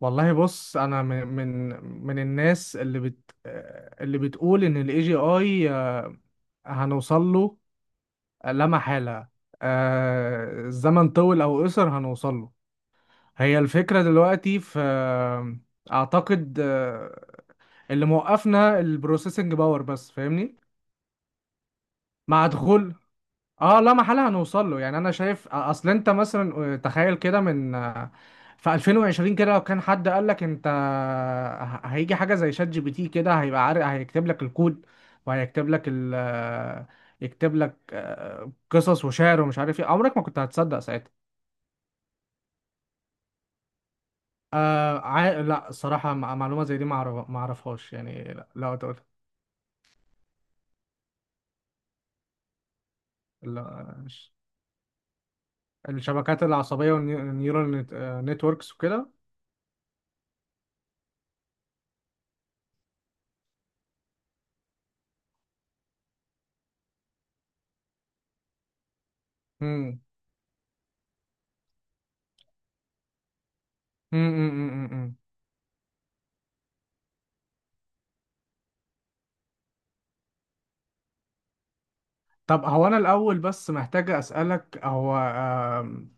والله بص، انا من الناس اللي بتقول ان الاي جي اي هنوصل له لا محالة. الزمن طول او قصر هنوصل له. هي الفكرة دلوقتي في، اعتقد، اللي موقفنا البروسيسنج باور بس. فاهمني؟ مع دخول اه لا محالة هنوصل له. يعني انا شايف، اصل انت مثلا تخيل كده، في 2020 كده لو كان حد قال لك انت هيجي حاجة زي شات جي بي تي، كده هيبقى عارف، هيكتب لك الكود وهيكتب لك ال يكتب لك قصص وشعر ومش عارف ايه، عمرك ما كنت هتصدق ساعتها. لا، الصراحة معلومة زي دي ما اعرفهاش يعني. لا، لا، تقول. لا، الشبكات العصبية والنيورال نتوركس وكده. امم، امم، طب هو انا الاول بس محتاج اسالك، هو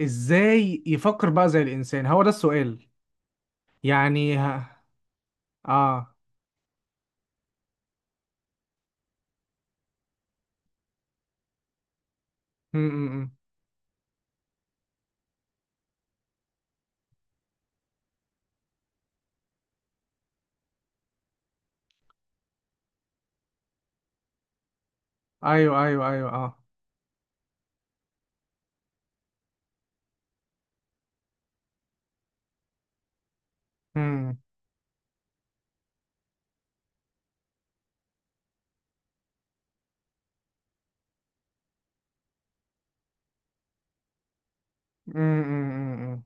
ازاي يفكر بقى زي الانسان؟ هو ده السؤال يعني. ها؟ اه. م -م -م. ايوه ايوه ايوه. اه. -م -م -م -م.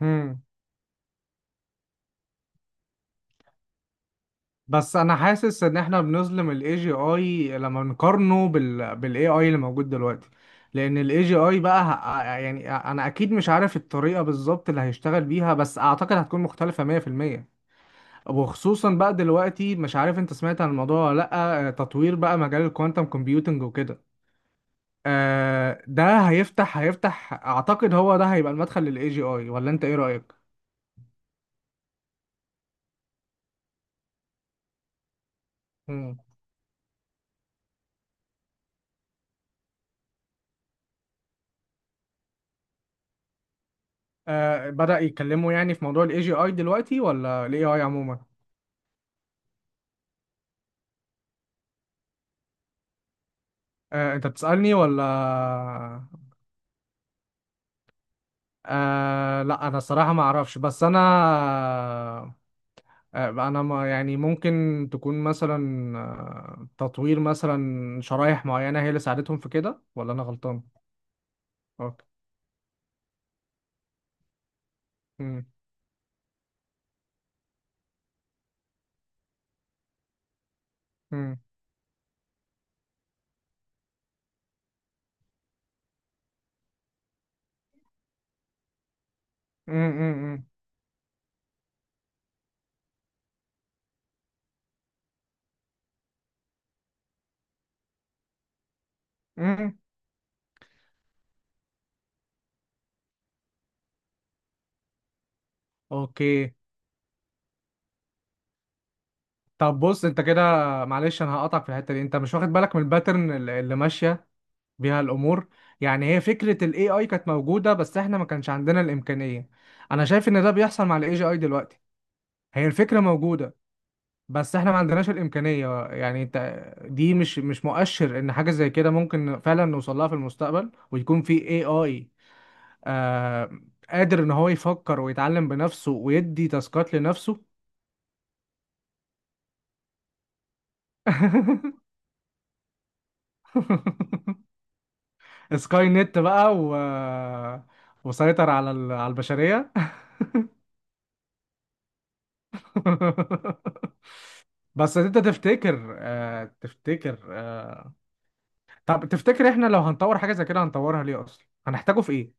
م. م. بس انا حاسس ان احنا بنظلم الاي جي اي لما نقارنه بالاي اي اللي موجود دلوقتي. لان الاي جي اي بقى، يعني، انا اكيد مش عارف الطريقه بالظبط اللي هيشتغل بيها، بس اعتقد هتكون مختلفه 100%. وخصوصا بقى دلوقتي، مش عارف انت سمعت عن الموضوع ولا لا، تطوير بقى مجال الكوانتم كومبيوتنج وكده. ده هيفتح اعتقد هو ده هيبقى المدخل للاي جي اي. ولا انت ايه رأيك؟ مم. بدأ يتكلموا يعني في موضوع الاي جي اي دلوقتي، ولا الاي اي عموما؟ انت بتسألني ولا؟ لا، انا الصراحة ما اعرفش، بس انا ما يعني، ممكن تكون مثلا تطوير مثلا شرايح معينة هي اللي ساعدتهم في كده؟ ولا انا غلطان؟ اوكي. مم. مم. مم. مم. مم. اوكي. طب بص انت كده، معلش انا هقطعك في الحتة دي، انت مش واخد بالك من الباترن اللي ماشية بيها الامور؟ يعني هي فكرة الاي اي كانت موجودة بس احنا ما كانش عندنا الامكانية، انا شايف ان ده بيحصل مع الاي جي اي دلوقتي. هي الفكرة موجودة بس احنا ما عندناش الامكانيه، يعني انت، دي مش مؤشر ان حاجه زي كده ممكن فعلا نوصل لها في المستقبل ويكون في اي اي آه قادر ان هو يفكر ويتعلم بنفسه ويدي تاسكات لنفسه؟ سكاي نت بقى وسيطر على على البشريه. بس انت تفتكر آه تفتكر آه طب تفتكر، احنا لو هنطور حاجه زي كده هنطورها ليه اصلا، هنحتاجه في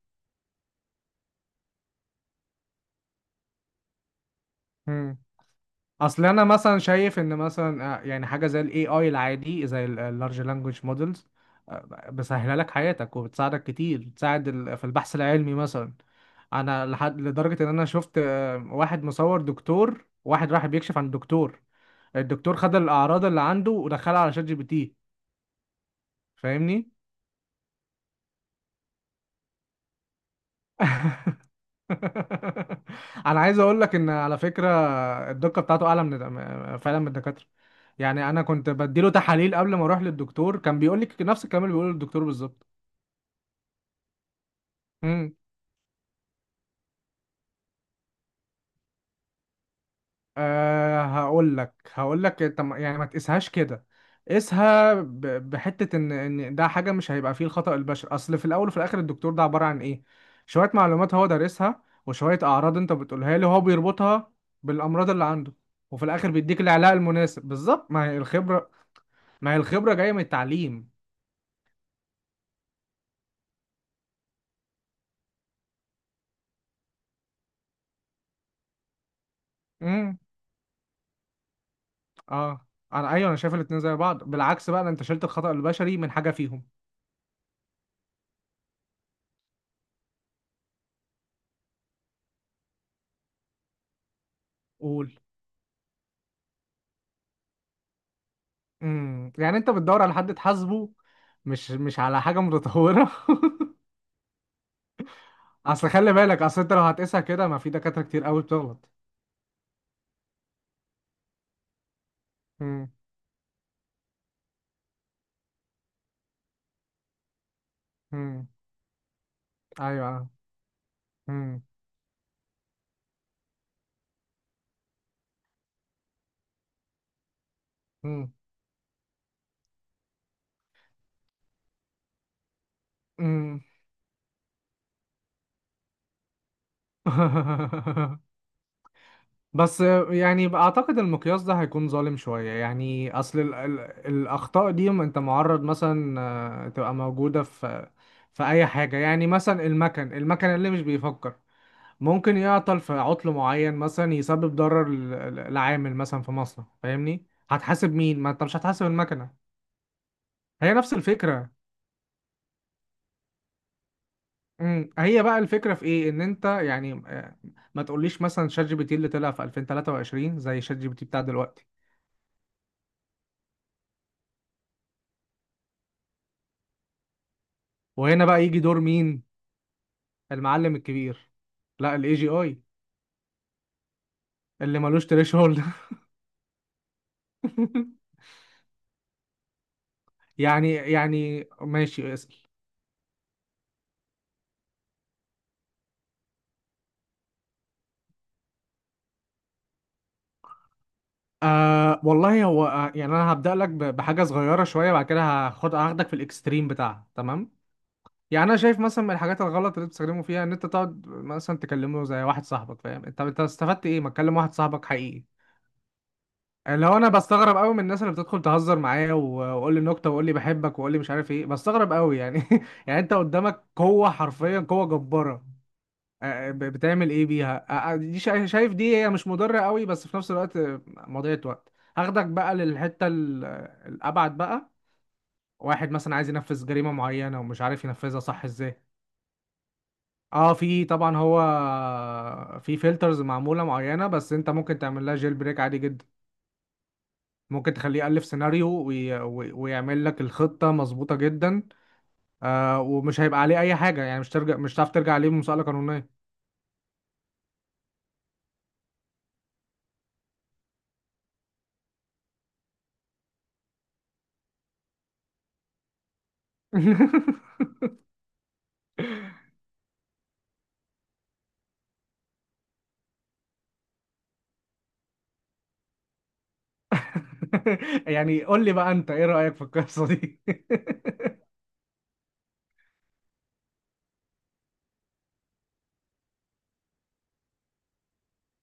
ايه؟ اصل انا مثلا شايف ان مثلا، يعني، حاجه زي الاي اي العادي زي اللارج لانجوج مودلز بسهله لك حياتك وبتساعدك كتير، بتساعد في البحث العلمي مثلا. انا لدرجه ان انا شفت، واحد مصور دكتور، واحد راح بيكشف عن دكتور، الدكتور خد الاعراض اللي عنده ودخلها على شات جي بي تي. فاهمني؟ انا عايز اقول لك ان، على فكره، الدقه بتاعته اعلى فعلا من الدكاتره. يعني انا كنت بديله تحاليل قبل ما اروح للدكتور، كان بيقول لي نفس الكلام اللي بيقوله الدكتور بالظبط. امم. هقول لك، طب يعني ما تقيسهاش كده، قيسها بحته ان ده حاجه مش هيبقى فيه الخطا البشري. اصل في الاول وفي الاخر، الدكتور ده عباره عن ايه؟ شويه معلومات هو دارسها، وشويه اعراض انت بتقولها له، هو بيربطها بالامراض اللي عنده وفي الاخر بيديك العلاج المناسب بالظبط. ما هي الخبره، ما هي الخبرة جاية من التعليم. امم. اه. ايوه، انا شايف الاتنين زي بعض، بالعكس بقى ده انت شلت الخطأ البشري من حاجة فيهم. قول. امم. يعني انت بتدور على حد تحاسبه، مش على حاجة متطورة. اصل خلي بالك، اصل انت لو هتقيسها كده، ما في دكاترة كتير قوي بتغلط. امم. امم. ايوه. امم. امم. امم. بس يعني اعتقد المقياس ده هيكون ظالم شوية. يعني اصل ال الاخطاء دي انت معرض، مثلا تبقى موجودة في، في اي حاجة. يعني مثلا المكن اللي مش بيفكر، ممكن يعطل في عطل معين مثلا، يسبب ضرر لعامل مثلا في مصنع. فاهمني؟ هتحاسب مين؟ ما انت مش هتحاسب المكنة، هي نفس الفكرة. امم. هي بقى الفكرة في ايه؟ ان انت يعني ما تقوليش مثلا شات جي بي تي اللي طلع في 2023 زي شات جي بي تي بتاع دلوقتي. وهنا بقى يجي دور مين؟ المعلم الكبير. لا، الاي جي اي اللي ملوش تريش هولد. يعني ماشي اسأل. والله، هو يعني، انا هبدأ لك بحاجة صغيرة شوية، بعد كده هاخدك في الاكستريم بتاعها، تمام؟ يعني انا شايف مثلا من الحاجات الغلط اللي بتستخدمه فيها، ان انت تقعد مثلا تكلمه زي واحد صاحبك. فاهم انت استفدت ايه؟ ما تكلم واحد صاحبك حقيقي، اللي هو انا بستغرب قوي من الناس اللي بتدخل تهزر معايا وقول لي نكته وقول لي بحبك وقول لي مش عارف ايه. بستغرب قوي يعني. يعني انت قدامك قوه، حرفيا قوه جباره، بتعمل ايه بيها؟ دي شايف دي هي مش مضرة قوي، بس في نفس الوقت مضيعة وقت. هاخدك بقى للحتة الابعد بقى. واحد مثلا عايز ينفذ جريمة معينة ومش عارف ينفذها صح ازاي. اه، في طبعا، هو في فلترز معمولة معينة، بس انت ممكن تعمل لها جيل بريك عادي جدا. ممكن تخليه يألف سيناريو ويعمل لك الخطة مظبوطة جدا. ومش هيبقى عليه اي حاجة يعني، مش ترجع، مش هتعرف ترجع عليه بمسألة قانونية. يعني قول لي بقى انت ايه رأيك في القصة دي؟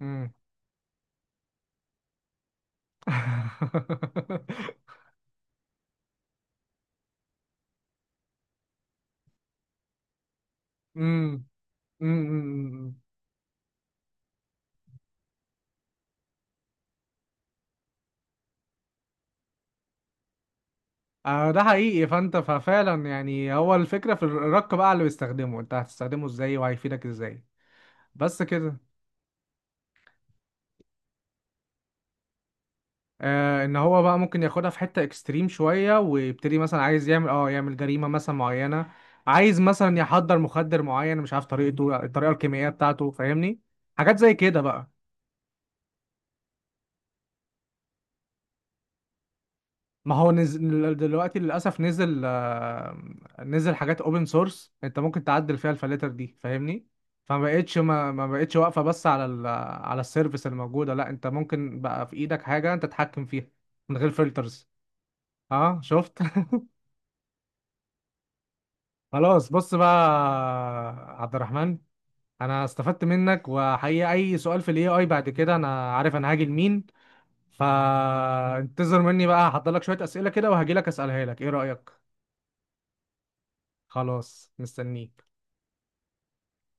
مم. مم. مم. مم. ده حقيقي، فانت ففعلا يعني، هو الفكرة في الرق بقى اللي بيستخدمه، انت هتستخدمه ازاي وهيفيدك ازاي؟ بس كده. ان هو بقى ممكن ياخدها في حتة اكستريم شوية ويبتدي مثلا عايز يعمل جريمة مثلا معينة، عايز مثلا يحضر مخدر معين مش عارف طريقته، الطريقة الكيميائية بتاعته. فاهمني؟ حاجات زي كده بقى. ما هو نزل دلوقتي للأسف، نزل حاجات اوبن سورس انت ممكن تعدل فيها الفلاتر دي. فاهمني؟ فما بقتش ما بقتش واقفة بس على السيرفيس الموجودة. لا، انت ممكن بقى في ايدك حاجة انت تتحكم فيها من غير فلترز. اه، شفت؟ خلاص بص بقى. عبد الرحمن، انا استفدت منك، وحقيقة اي سؤال في الاي اي بعد كده انا عارف انا هاجي لمين. فانتظر مني بقى، هحضر لك شوية أسئلة كده وهجي لك أسألها لك، ايه رأيك؟ خلاص، مستنيك.